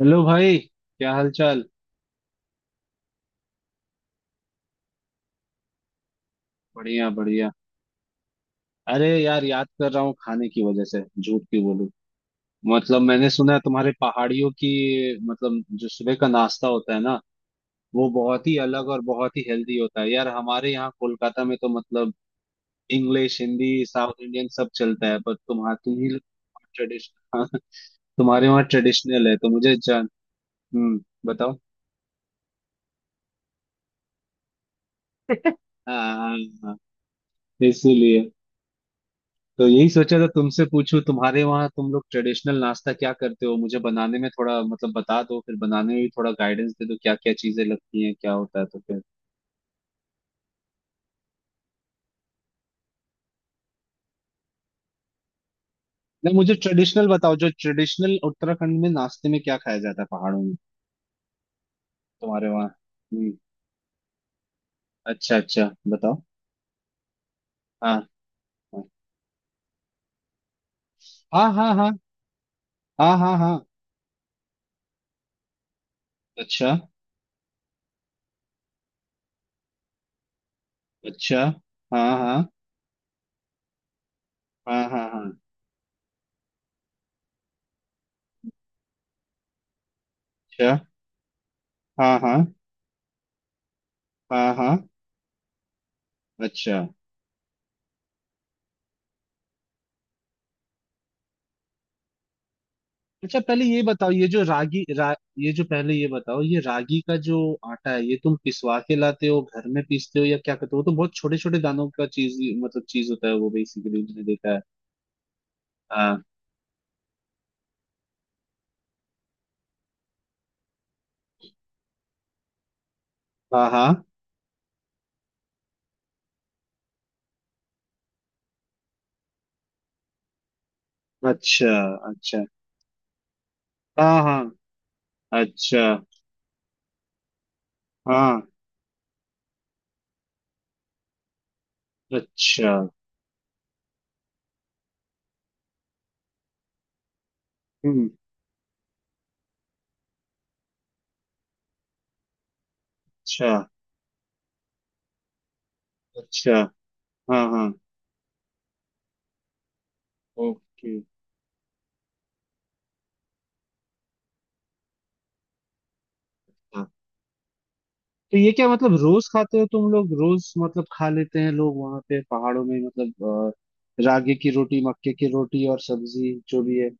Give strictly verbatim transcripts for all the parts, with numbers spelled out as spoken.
Hello भाई, क्या हाल चाल। बढ़िया बढ़िया। अरे यार, याद कर रहा हूँ खाने की वजह से, झूठ क्यों बोलूं। मतलब मैंने सुना है तुम्हारे पहाड़ियों की, मतलब जो सुबह का नाश्ता होता है ना, वो बहुत ही अलग और बहुत ही हेल्दी होता है यार। हमारे यहाँ कोलकाता में तो मतलब इंग्लिश, हिंदी, साउथ इंडियन सब चलता है, पर तुम्हारा तुम ही ट्रेडिशनल तुम्हारे वहाँ ट्रेडिशनल है तो मुझे जान। हम्म। बताओ। हाँ हाँ हाँ, हाँ, इसीलिए। तो यही सोचा था तुमसे पूछूं, तुम्हारे वहाँ तुम लोग ट्रेडिशनल नाश्ता क्या करते हो, मुझे बनाने में थोड़ा मतलब बता दो, फिर बनाने में भी थोड़ा गाइडेंस दे दो, क्या क्या चीजें लगती हैं, क्या होता है तो फिर। नहीं, मुझे ट्रेडिशनल बताओ, जो ट्रेडिशनल उत्तराखंड में नाश्ते में क्या खाया जाता है पहाड़ों में। तुम्हारे वहाँ। हम्म। अच्छा अच्छा। बताओ। हाँ हाँ हाँ हाँ हाँ हाँ हाँ हाँ। अच्छा अच्छा। हाँ हाँ हाँ हाँ हाँ। अच्छा। हाँ हाँ हाँ हाँ। अच्छा अच्छा। पहले ये बताओ, ये जो रागी रा, ये जो, पहले ये बताओ, ये रागी का जो आटा है, ये तुम पिसवा के लाते हो, घर में पीसते हो, या क्या करते हो। वो तो बहुत छोटे छोटे दानों का चीज, मतलब चीज होता है वो बेसिकली, मैंने देखा है। हाँ हाँ हाँ। अच्छा अच्छा। हाँ हाँ। अच्छा। हाँ। अच्छा। हम्म। अच्छा अच्छा। हाँ हाँ। ओके। तो ये क्या मतलब रोज खाते हो तुम लोग, रोज मतलब खा लेते हैं लोग वहां पे पहाड़ों में, मतलब अ, रागी की रोटी, मक्के की रोटी और सब्जी जो भी है।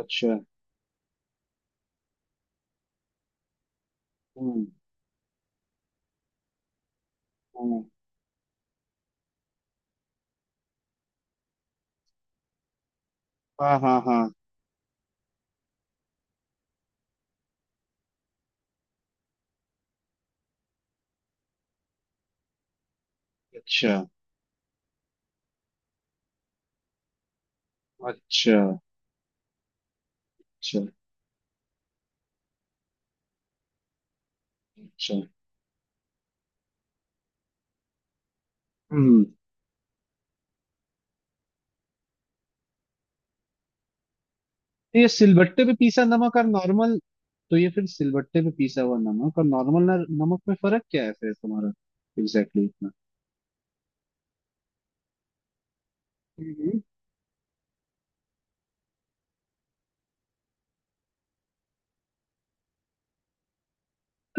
अच्छा। हम्म हम्म, हाँ हाँ हाँ। अच्छा अच्छा अच्छा अच्छा। हम्म। तो ये सिलबट्टे पे पीसा नमक और नॉर्मल। तो ये फिर सिलबट्टे पे पीसा हुआ नमक और नॉर्मल नमक में फर्क क्या है फिर तुम्हारा, एग्जैक्टली इतना।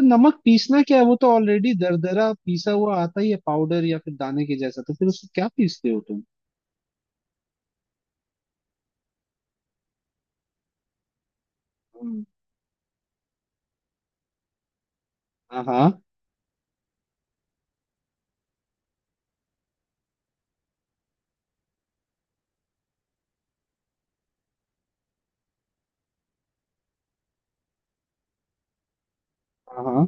नमक पीसना क्या है, वो तो ऑलरेडी दरदरा पीसा हुआ आता ही है, पाउडर या फिर दाने के जैसा, तो फिर उसको क्या पीसते हो तुम। हम्म, हाँ हाँ हाँ हाँ।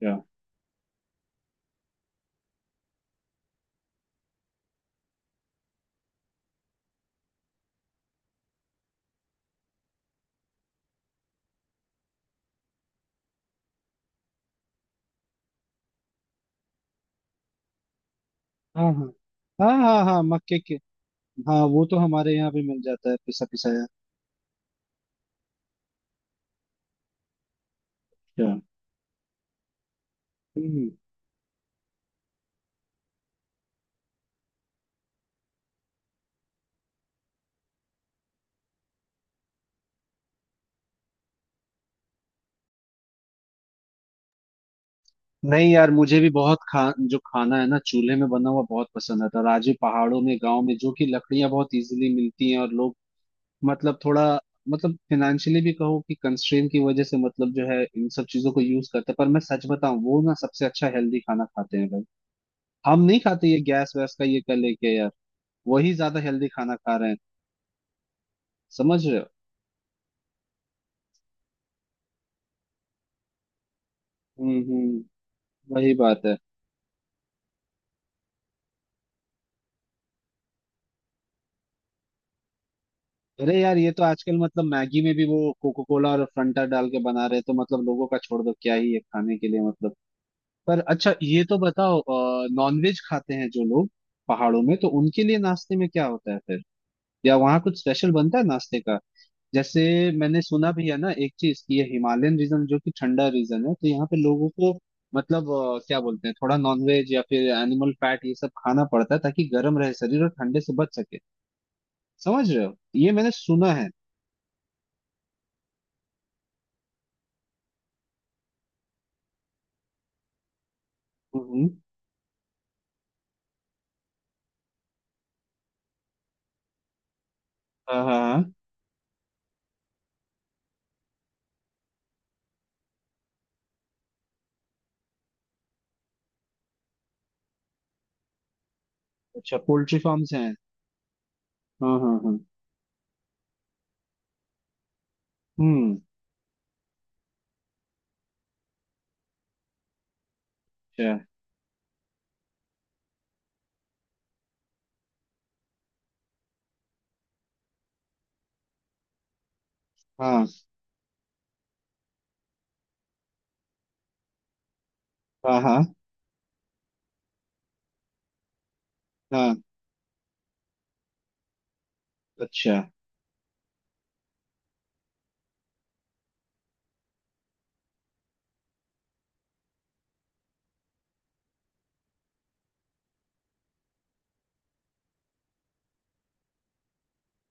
क्या। हाँ हाँ हाँ हाँ हाँ मक्के के। हाँ, वो तो हमारे यहाँ भी मिल जाता है पिसा पिसाया। क्या। हम्म। नहीं यार, मुझे भी बहुत खा, जो खाना है ना चूल्हे में बना हुआ, बहुत पसंद आता है। और आज भी पहाड़ों में गांव में, जो कि लकड़ियां बहुत इजीली मिलती हैं और लोग मतलब थोड़ा मतलब फिनेंशियली भी कहो कि कंस्ट्रेन की वजह से मतलब, जो है इन सब चीजों को यूज करते हैं, पर मैं सच बताऊं, वो ना सबसे अच्छा हेल्दी खाना खाते हैं भाई। हम नहीं खाते, ये गैस वैस का ये कर लेके यार। वही ज्यादा हेल्दी खाना खा रहे हैं, समझ रहे हो। हम्म हम्म वही बात है। अरे यार, ये तो आजकल मतलब मैगी में भी वो कोको कोला और फंटा डाल के बना रहे हैं, तो मतलब लोगों का छोड़ दो, क्या ही है खाने के लिए मतलब। पर अच्छा, ये तो बताओ, नॉनवेज खाते हैं जो लोग पहाड़ों में, तो उनके लिए नाश्ते में क्या होता है फिर, या वहाँ कुछ स्पेशल बनता है नाश्ते का जैसे। मैंने सुना भी है ना एक चीज, कि ये हिमालयन रीजन जो कि ठंडा रीजन है, तो यहाँ पे लोगों को मतलब अ, क्या बोलते हैं, थोड़ा नॉनवेज या फिर एनिमल फैट ये सब खाना पड़ता है, ताकि गर्म रहे शरीर और ठंडे से बच सके। समझ रहे हो, ये मैंने सुना है। हम्म। हाँ हाँ हाँ। अच्छा, पोल्ट्री फार्म्स हैं। हाँ हाँ हाँ। हम्म। अच्छा। हाँ हाँ हाँ हाँ। अच्छा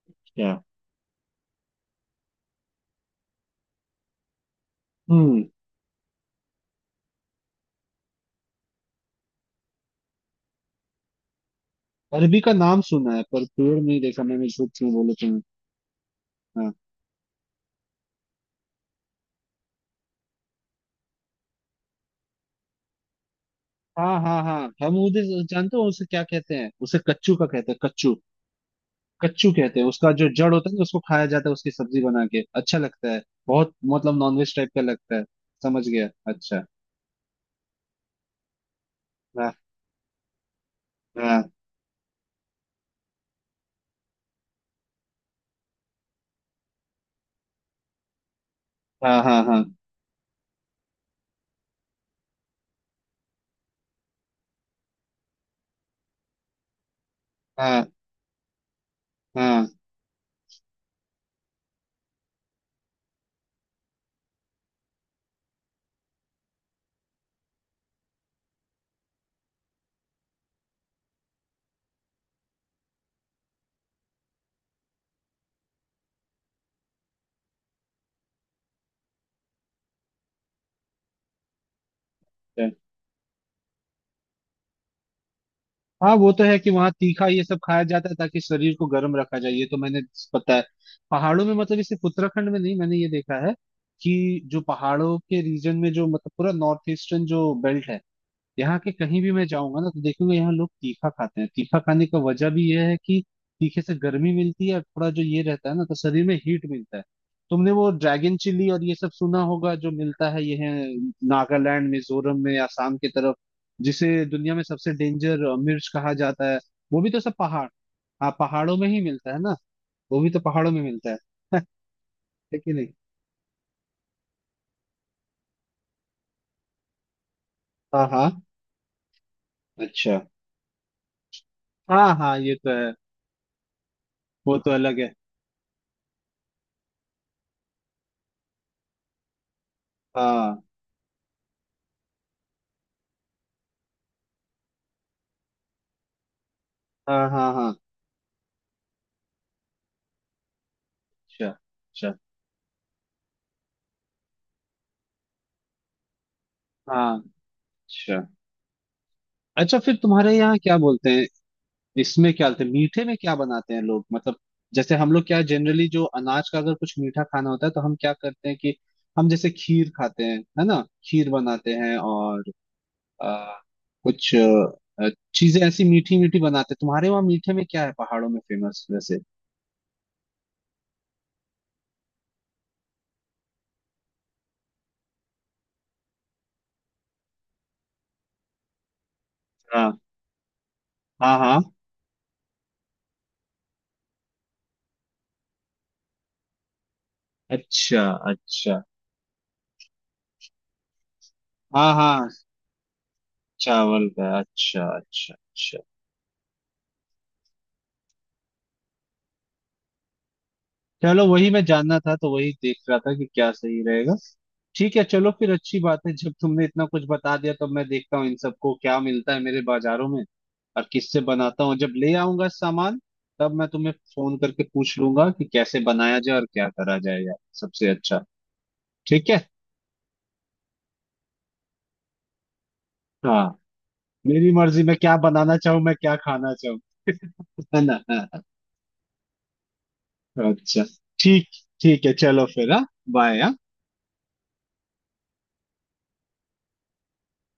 अच्छा। हम्म। अरबी का नाम सुना है, पर पेड़ नहीं देखा मैंने, झूठ क्यों बोले तुम्हें। हाँ। हाँ हाँ हाँ, हम उधर जानते हो उसे क्या कहते हैं, उसे कच्चू का कहते हैं, कच्चू। कच्चू कहते हैं उसका, जो जड़ होता है ना उसको खाया जाता है, उसकी सब्जी बना के अच्छा लगता है। बहुत मतलब नॉनवेज टाइप का लगता है। समझ गया। अच्छा। हाँ हाँ हाँ हाँ हाँ हाँ हाँ हाँ हाँ, वो तो है कि वहाँ तीखा ये सब खाया जाता है ताकि शरीर को गर्म रखा जाए, ये तो मैंने पता है। पहाड़ों में मतलब ये सिर्फ उत्तराखंड में नहीं, मैंने ये देखा है कि जो पहाड़ों के रीजन में जो, मतलब पूरा नॉर्थ ईस्टर्न जो बेल्ट है, यहाँ के कहीं भी मैं जाऊंगा ना तो देखूंगा यहाँ लोग तीखा खाते हैं। तीखा खाने का वजह भी यह है कि तीखे से गर्मी मिलती है और थोड़ा जो ये रहता है ना तो शरीर में हीट मिलता है। तुमने वो ड्रैगन चिली और ये सब सुना होगा, जो मिलता है ये है नागालैंड, मिजोरम में, आसाम की तरफ, जिसे दुनिया में सबसे डेंजर मिर्च कहा जाता है। वो भी तो सब पहाड़, हाँ पहाड़ों में ही मिलता है ना, वो भी तो पहाड़ों में मिलता है है कि नहीं। हाँ हाँ। अच्छा। हाँ हाँ, ये तो है। वो तो अलग है। हाँ हाँ हाँ हाँ। अच्छा। अच्छा। हाँ। अच्छा अच्छा, फिर तुम्हारे यहाँ क्या बोलते हैं इसमें, क्या बोलते हैं, मीठे में क्या बनाते हैं लोग, मतलब जैसे हम लोग क्या जनरली, जो अनाज का अगर कुछ मीठा खाना होता है तो हम क्या करते हैं कि हम जैसे खीर खाते हैं है ना, खीर बनाते हैं और आ, कुछ अ, चीजें ऐसी मीठी मीठी बनाते हैं। तुम्हारे वहाँ मीठे में क्या है पहाड़ों में फेमस वैसे। हाँ हाँ हाँ। अच्छा अच्छा। हाँ हाँ चावल का, अच्छा अच्छा अच्छा। चलो वही मैं जानना था, तो वही देख रहा था कि क्या सही रहेगा। ठीक है, चलो फिर, अच्छी बात है, जब तुमने इतना कुछ बता दिया तो मैं देखता हूँ इन सबको क्या मिलता है मेरे बाजारों में, और किससे बनाता हूँ। जब ले आऊंगा सामान, तब मैं तुम्हें फोन करके पूछ लूंगा कि कैसे बनाया जाए और क्या करा जाएगा सबसे अच्छा। ठीक है। हाँ मेरी मर्जी, मैं क्या बनाना चाहूँ, मैं क्या खाना चाहूँ है ना। हाँ, हाँ, हाँ, अच्छा। ठीक, ठीक है, चलो फिर, हाँ, बाय।